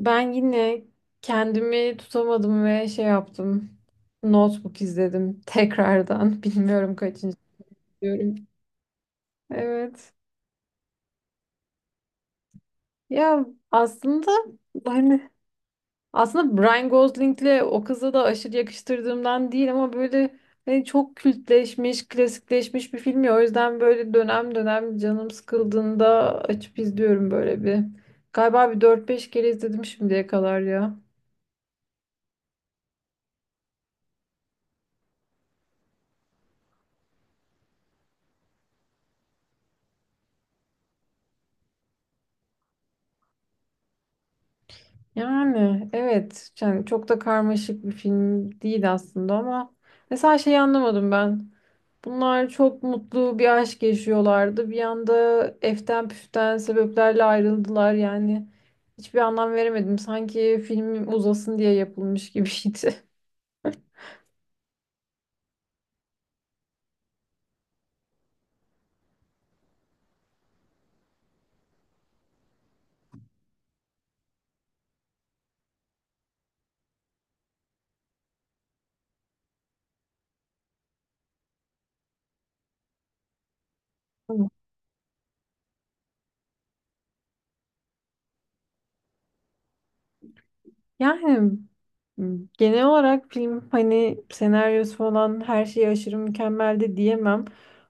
Ben yine kendimi tutamadım ve şey yaptım. Notebook izledim tekrardan. Bilmiyorum kaçıncı diyorum. Evet. Ya aslında hani aslında Brian Gosling'le o kıza da aşırı yakıştırdığımdan değil ama böyle hani çok kültleşmiş, klasikleşmiş bir film ya. O yüzden böyle dönem dönem canım sıkıldığında açıp izliyorum böyle bir. Galiba bir dört beş kere izledim şimdiye kadar ya. Yani evet yani çok da karmaşık bir film değil aslında ama mesela şeyi anlamadım ben. Bunlar çok mutlu bir aşk yaşıyorlardı. Bir anda eften püften sebeplerle ayrıldılar yani. Hiçbir anlam veremedim. Sanki film uzasın diye yapılmış gibiydi. Yani genel olarak film hani senaryosu falan her şey aşırı mükemmel de diyemem.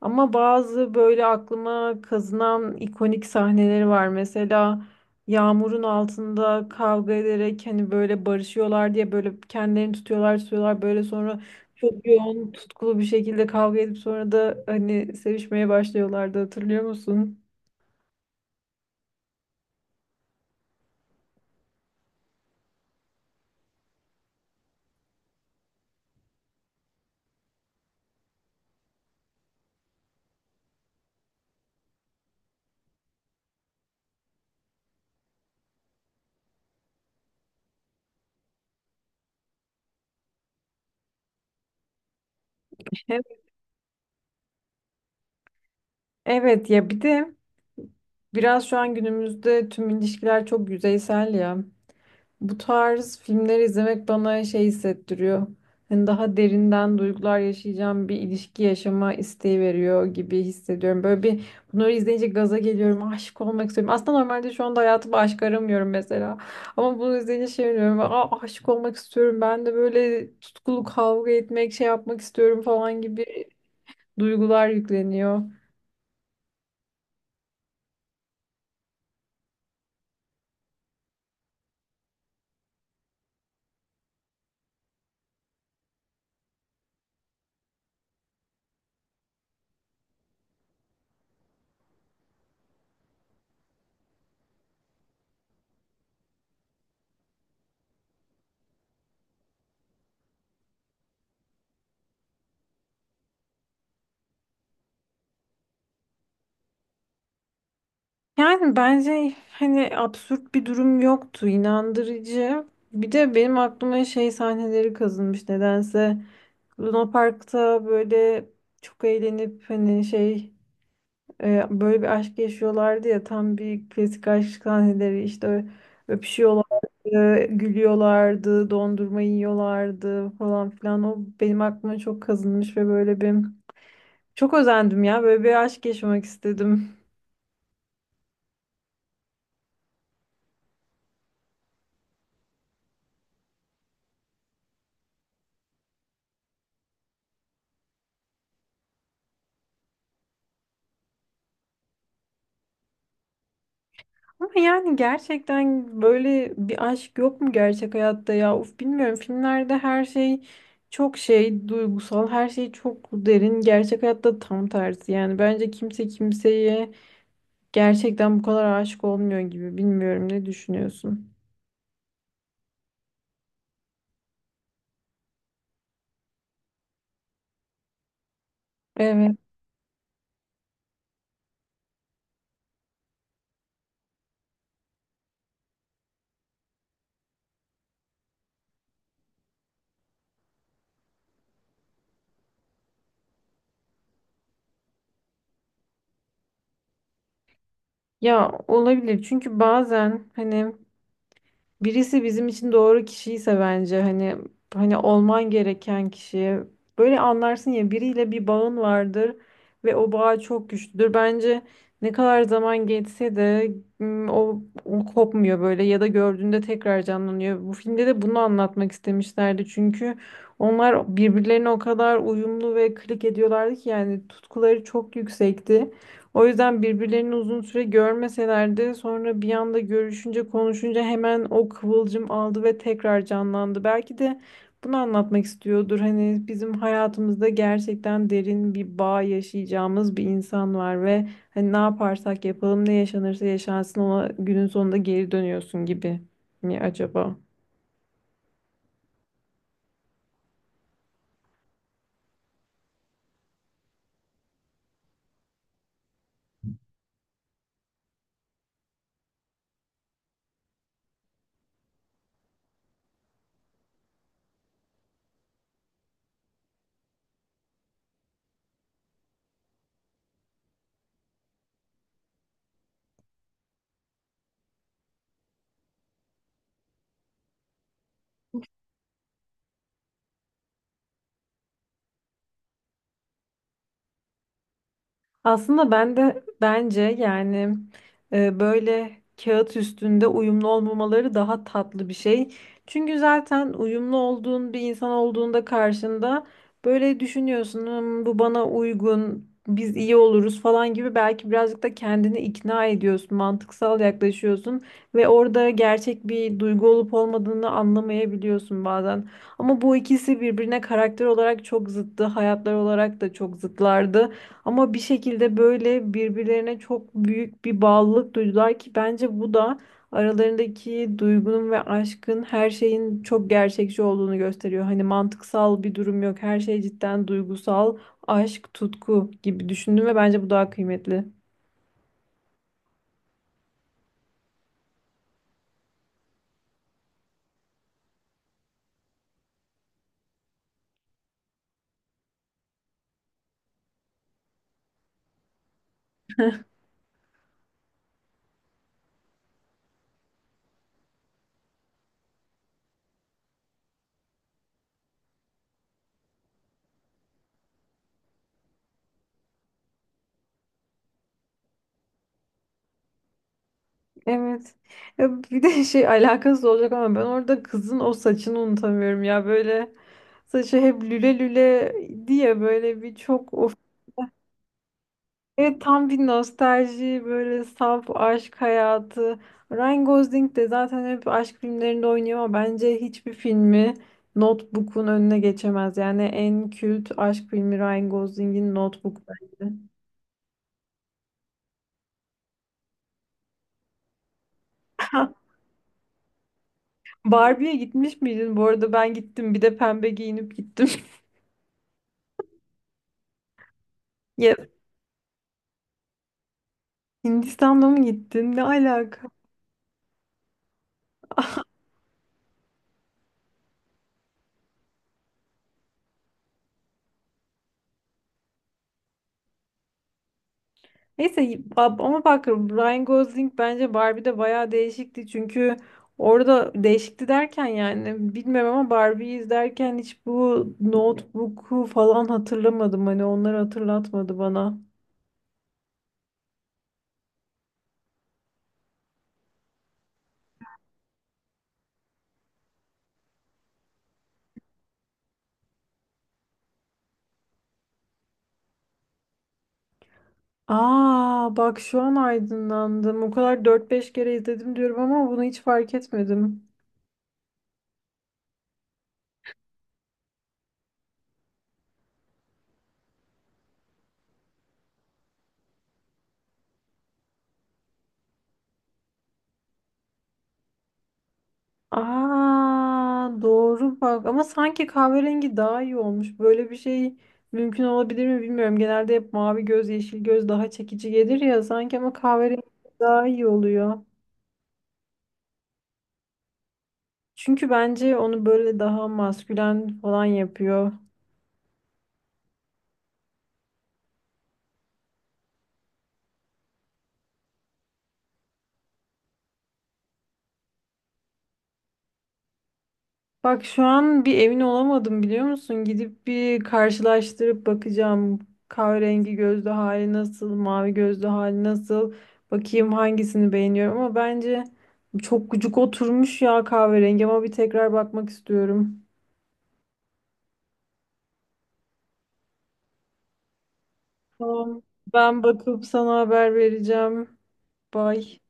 Ama bazı böyle aklıma kazınan ikonik sahneleri var. Mesela yağmurun altında kavga ederek hani böyle barışıyorlar diye böyle kendilerini tutuyorlar tutuyorlar böyle sonra çok yoğun tutkulu bir şekilde kavga edip sonra da hani sevişmeye başlıyorlardı, hatırlıyor musun? Evet ya, bir de biraz şu an günümüzde tüm ilişkiler çok yüzeysel ya. Bu tarz filmleri izlemek bana şey hissettiriyor. Hani daha derinden duygular yaşayacağım bir ilişki yaşama isteği veriyor gibi hissediyorum. Böyle bir Bunları izleyince gaza geliyorum. Aşık olmak istiyorum. Aslında normalde şu anda hayatımda aşk aramıyorum mesela. Ama bunu izleyince şey diyorum. Aa, aşık olmak istiyorum. Ben de böyle tutkulu kavga etmek, şey yapmak istiyorum falan gibi duygular yükleniyor. Yani bence hani absürt bir durum yoktu, inandırıcı. Bir de benim aklıma şey sahneleri kazınmış nedense. Luna Park'ta böyle çok eğlenip hani böyle bir aşk yaşıyorlardı ya, tam bir klasik aşk sahneleri işte, öpüşüyorlardı, gülüyorlardı, dondurma yiyorlardı falan filan. O benim aklıma çok kazınmış ve böyle bir çok özendim ya, böyle bir aşk yaşamak istedim. Ama yani gerçekten böyle bir aşk yok mu gerçek hayatta ya? Uf, bilmiyorum. Filmlerde her şey çok şey, duygusal, her şey çok derin. Gerçek hayatta tam tersi. Yani bence kimse kimseye gerçekten bu kadar aşık olmuyor gibi. Bilmiyorum, ne düşünüyorsun? Evet. Ya olabilir, çünkü bazen hani birisi bizim için doğru kişiyse, bence hani hani olman gereken kişi, böyle anlarsın ya, biriyle bir bağın vardır ve o bağ çok güçlüdür. Bence ne kadar zaman geçse de o kopmuyor böyle, ya da gördüğünde tekrar canlanıyor. Bu filmde de bunu anlatmak istemişlerdi çünkü onlar birbirlerine o kadar uyumlu ve klik ediyorlardı ki, yani tutkuları çok yüksekti. O yüzden birbirlerini uzun süre görmeseler de sonra bir anda görüşünce konuşunca hemen o kıvılcım aldı ve tekrar canlandı. Belki de bunu anlatmak istiyordur. Hani bizim hayatımızda gerçekten derin bir bağ yaşayacağımız bir insan var ve hani ne yaparsak yapalım, ne yaşanırsa yaşansın, ona günün sonunda geri dönüyorsun gibi mi acaba? Aslında ben de bence yani böyle kağıt üstünde uyumlu olmamaları daha tatlı bir şey. Çünkü zaten uyumlu olduğun bir insan olduğunda karşında böyle düşünüyorsun, "Hmm, bu bana uygun, biz iyi oluruz" falan gibi, belki birazcık da kendini ikna ediyorsun, mantıksal yaklaşıyorsun ve orada gerçek bir duygu olup olmadığını anlamayabiliyorsun bazen. Ama bu ikisi birbirine karakter olarak çok zıttı, hayatlar olarak da çok zıtlardı. Ama bir şekilde böyle birbirlerine çok büyük bir bağlılık duydular ki, bence bu da aralarındaki duygunun ve aşkın, her şeyin çok gerçekçi olduğunu gösteriyor. Hani mantıksal bir durum yok. Her şey cidden duygusal, aşk, tutku gibi düşündüm ve bence bu daha kıymetli. Evet. Ya bir de şey, alakasız olacak ama ben orada kızın o saçını unutamıyorum ya, böyle saçı hep lüle lüle diye böyle bir, çok of. Evet, tam bir nostalji, böyle saf aşk hayatı. Ryan Gosling de zaten hep aşk filmlerinde oynuyor ama bence hiçbir filmi Notebook'un önüne geçemez. Yani en kült aşk filmi Ryan Gosling'in Notebook, bence. Barbie'ye gitmiş miydin? Bu arada ben gittim. Bir de pembe giyinip gittim. Ya, Hindistan'da mı gittin? Ne alaka? Neyse, ama bak, Ryan Gosling bence Barbie'de bayağı değişikti. Çünkü orada değişikti derken, yani bilmem, ama Barbie'yi izlerken hiç bu Notebook'u falan hatırlamadım. Hani onları hatırlatmadı bana. Aa, bak şu an aydınlandım. O kadar dört beş kere izledim diyorum ama bunu hiç fark etmedim. Aa, doğru, bak, ama sanki kahverengi daha iyi olmuş. Böyle bir şey mümkün olabilir mi, bilmiyorum. Genelde hep mavi göz, yeşil göz daha çekici gelir ya sanki, ama kahverengi daha iyi oluyor. Çünkü bence onu böyle daha maskülen falan yapıyor. Bak şu an bir emin olamadım, biliyor musun? Gidip bir karşılaştırıp bakacağım. Kahverengi gözlü hali nasıl, mavi gözlü hali nasıl? Bakayım hangisini beğeniyorum, ama bence çok gıcık oturmuş ya kahverengi, ama bir tekrar bakmak istiyorum. Tamam. Ben bakıp sana haber vereceğim. Bye.